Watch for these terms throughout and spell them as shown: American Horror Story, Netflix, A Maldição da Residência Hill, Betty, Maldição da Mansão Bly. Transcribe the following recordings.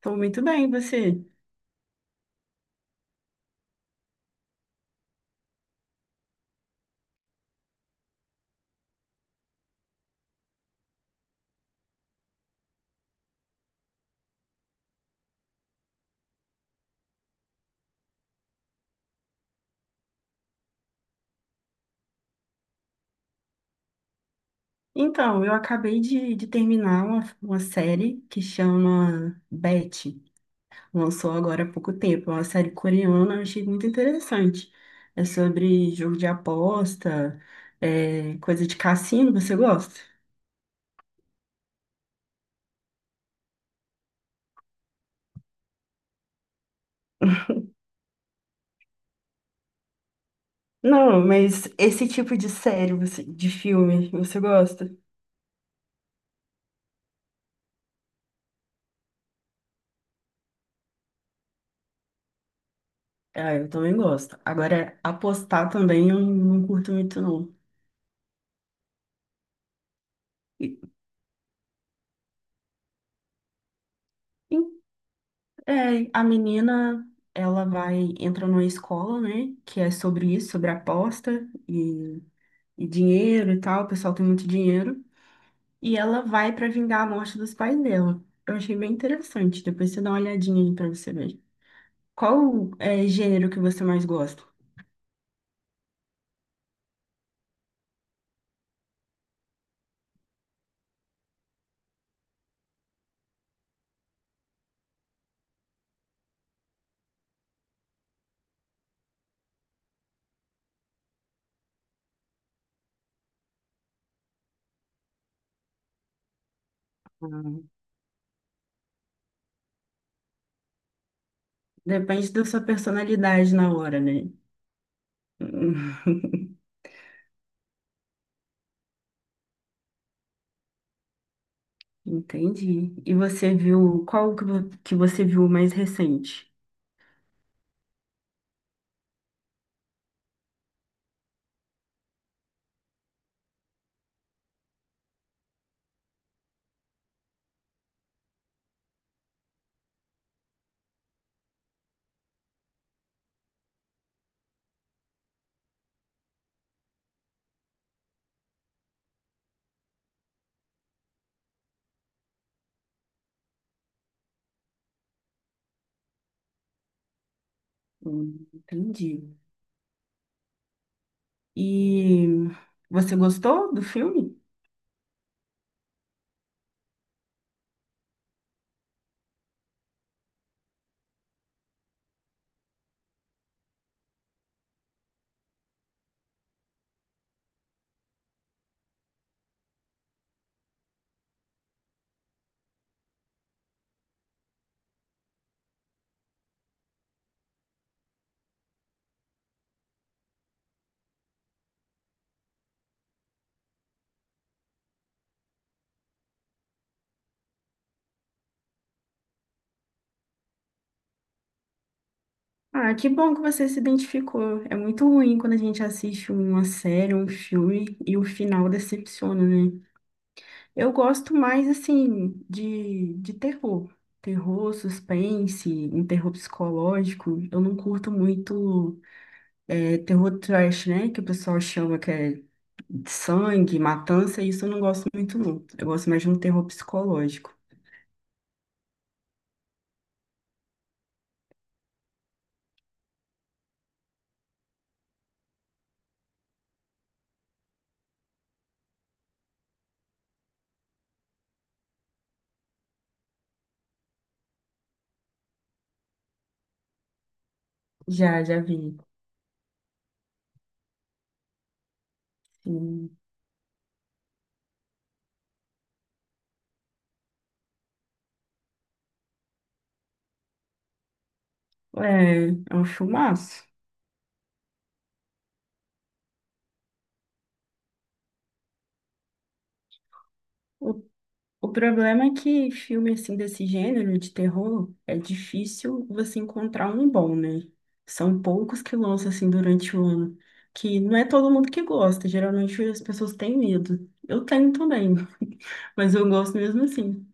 Tô muito bem, e você? Então, eu acabei de terminar uma série que chama Betty. Lançou agora há pouco tempo. É uma série coreana, eu achei muito interessante. É sobre jogo de aposta, coisa de cassino, você gosta? Não, mas esse tipo de série, de filme, você gosta? Ah, eu também gosto. Agora, apostar também eu não curto muito, não. E- É, a menina, ela vai, entra numa escola, né, que é sobre isso, sobre aposta e dinheiro e tal, o pessoal tem muito dinheiro, e ela vai pra vingar a morte dos pais dela. Eu achei bem interessante, depois você dá uma olhadinha aí pra você ver. Qual é gênero que você mais gosta? Hum. Depende da sua personalidade na hora, né? Entendi. E você viu, que você viu mais recente? Entendi. E você gostou do filme? Ah, que bom que você se identificou. É muito ruim quando a gente assiste uma série, um filme e o final decepciona, né? Eu gosto mais, assim, de terror. Terror, suspense, um terror psicológico. Eu não curto muito terror trash, né? Que o pessoal chama que é de sangue, matança. Isso eu não gosto muito, não. Eu gosto mais de um terror psicológico. Já, já vi. Sim. É, é um filmaço. O, o problema é que filme assim desse gênero de terror é difícil você encontrar um bom, né? São poucos que lançam assim durante o ano, que não é todo mundo que gosta. Geralmente as pessoas têm medo. Eu tenho também, mas eu gosto mesmo assim.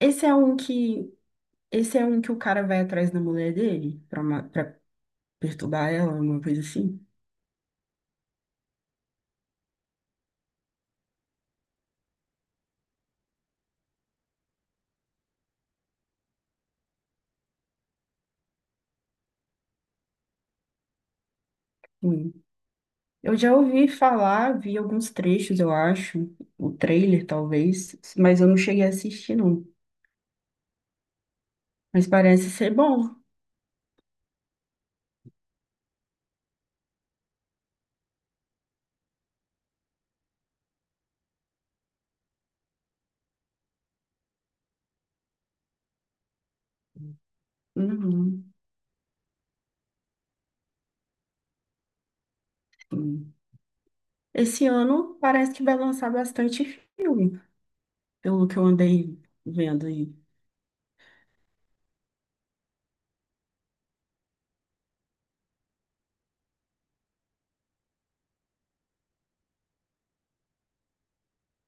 Esse é um que, esse é um que o cara vai atrás da mulher dele pra, pra perturbar ela, alguma coisa assim. Sim. Eu já ouvi falar, vi alguns trechos, eu acho, o trailer talvez, mas eu não cheguei a assistir, não. Mas parece ser bom. Uhum, sim. Esse ano parece que vai lançar bastante filme, pelo que eu andei vendo aí.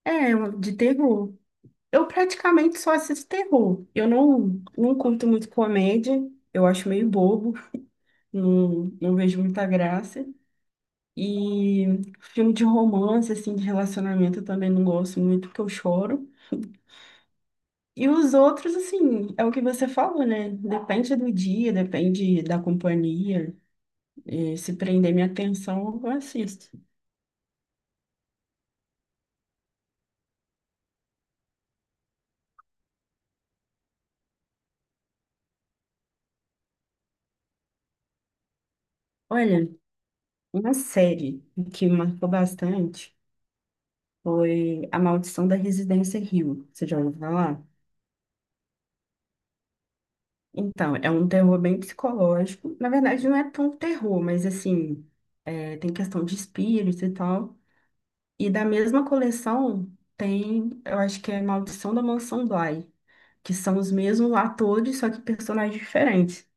É, de terror. Eu praticamente só assisto terror. Eu não, não curto muito comédia, eu acho meio bobo, não vejo muita graça. E filme de romance, assim, de relacionamento, eu também não gosto muito, porque eu choro. E os outros, assim, é o que você falou, né? Depende do dia, depende da companhia. E se prender minha atenção, eu assisto. Olha, uma série que me marcou bastante foi A Maldição da Residência Hill. Você já ouviu falar? Então, é um terror bem psicológico. Na verdade, não é tão terror, mas assim, é, tem questão de espírito e tal. E da mesma coleção tem, eu acho que é Maldição da Mansão Bly, que são os mesmos atores, só que personagens diferentes.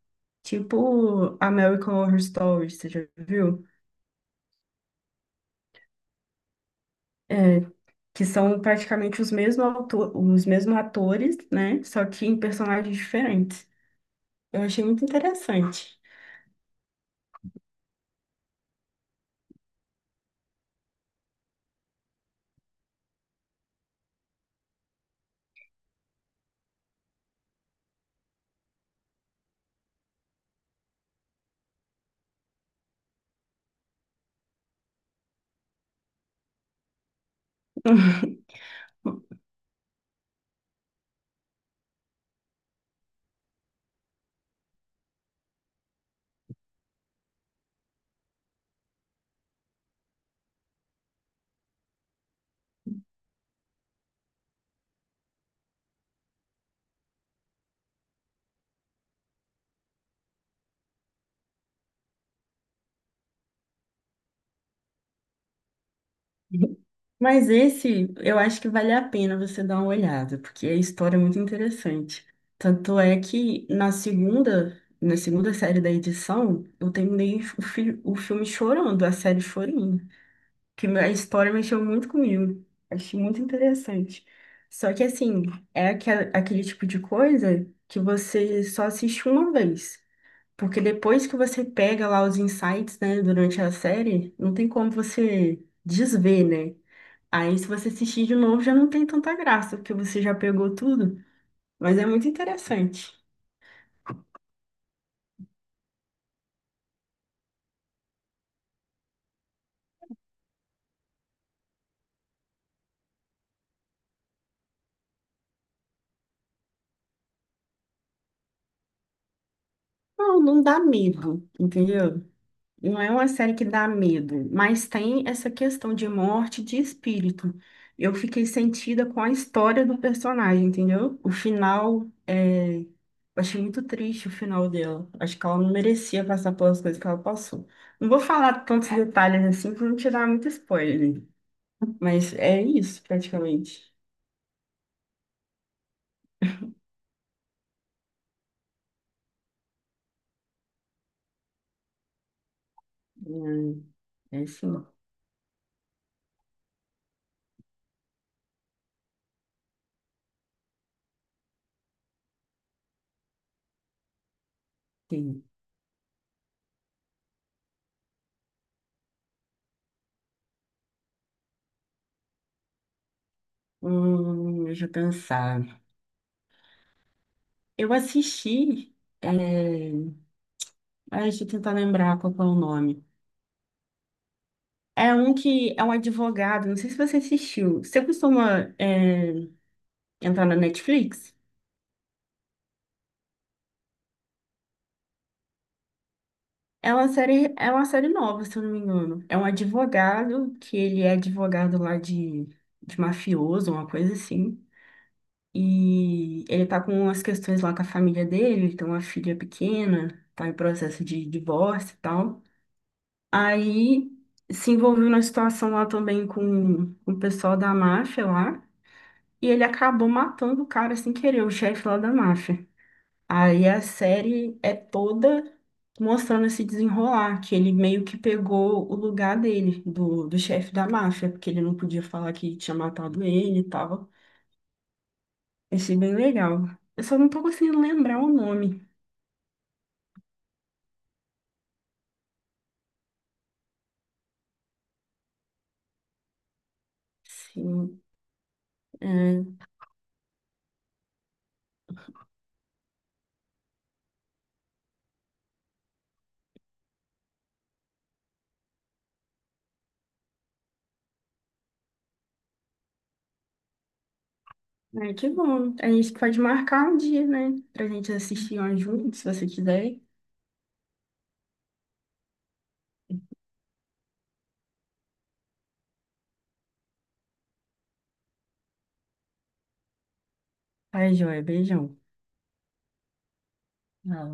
Tipo American Horror Story, você já viu? É, que são praticamente os mesmos atores, né? Só que em personagens diferentes. Eu achei muito interessante. Mas esse, eu acho que vale a pena você dar uma olhada, porque a história é muito interessante. Tanto é que na segunda série da edição, eu terminei o filme chorando, a série chorando, que a história mexeu muito comigo. Achei muito interessante. Só que assim, é aquele tipo de coisa que você só assiste uma vez. Porque depois que você pega lá os insights, né, durante a série, não tem como você desver, né? Aí, se você assistir de novo, já não tem tanta graça, porque você já pegou tudo. Mas é muito interessante. Não, não dá medo, entendeu? Não é uma série que dá medo, mas tem essa questão de morte de espírito. Eu fiquei sentida com a história do personagem, entendeu? O final, é... eu achei muito triste o final dela. Acho que ela não merecia passar pelas coisas que ela passou. Não vou falar tantos detalhes assim, para não te dar muito spoiler, né? Mas é isso, praticamente. Hum, é sim. Sim. Deixa eu pensar. Eu assisti. É... ai, deixa eu tentar lembrar qual que é o nome. É um que é um advogado, não sei se você assistiu. Você costuma entrar na Netflix? É uma série nova, se eu não me engano. É um advogado, que ele é advogado lá de mafioso, uma coisa assim. E ele tá com umas questões lá com a família dele, ele tem uma filha pequena, tá em processo de divórcio e tal. Aí se envolveu na situação lá também com o pessoal da máfia lá, e ele acabou matando o cara sem querer, o chefe lá da máfia. Aí a série é toda mostrando esse desenrolar, que ele meio que pegou o lugar dele, do chefe da máfia, porque ele não podia falar que tinha matado ele e tal. Achei bem legal. Eu só não tô conseguindo lembrar o nome. Sim. É. Ai, que bom. A gente pode marcar um dia, né? Pra gente assistir um junto, se você quiser. Ai, joia. Beijão. Não,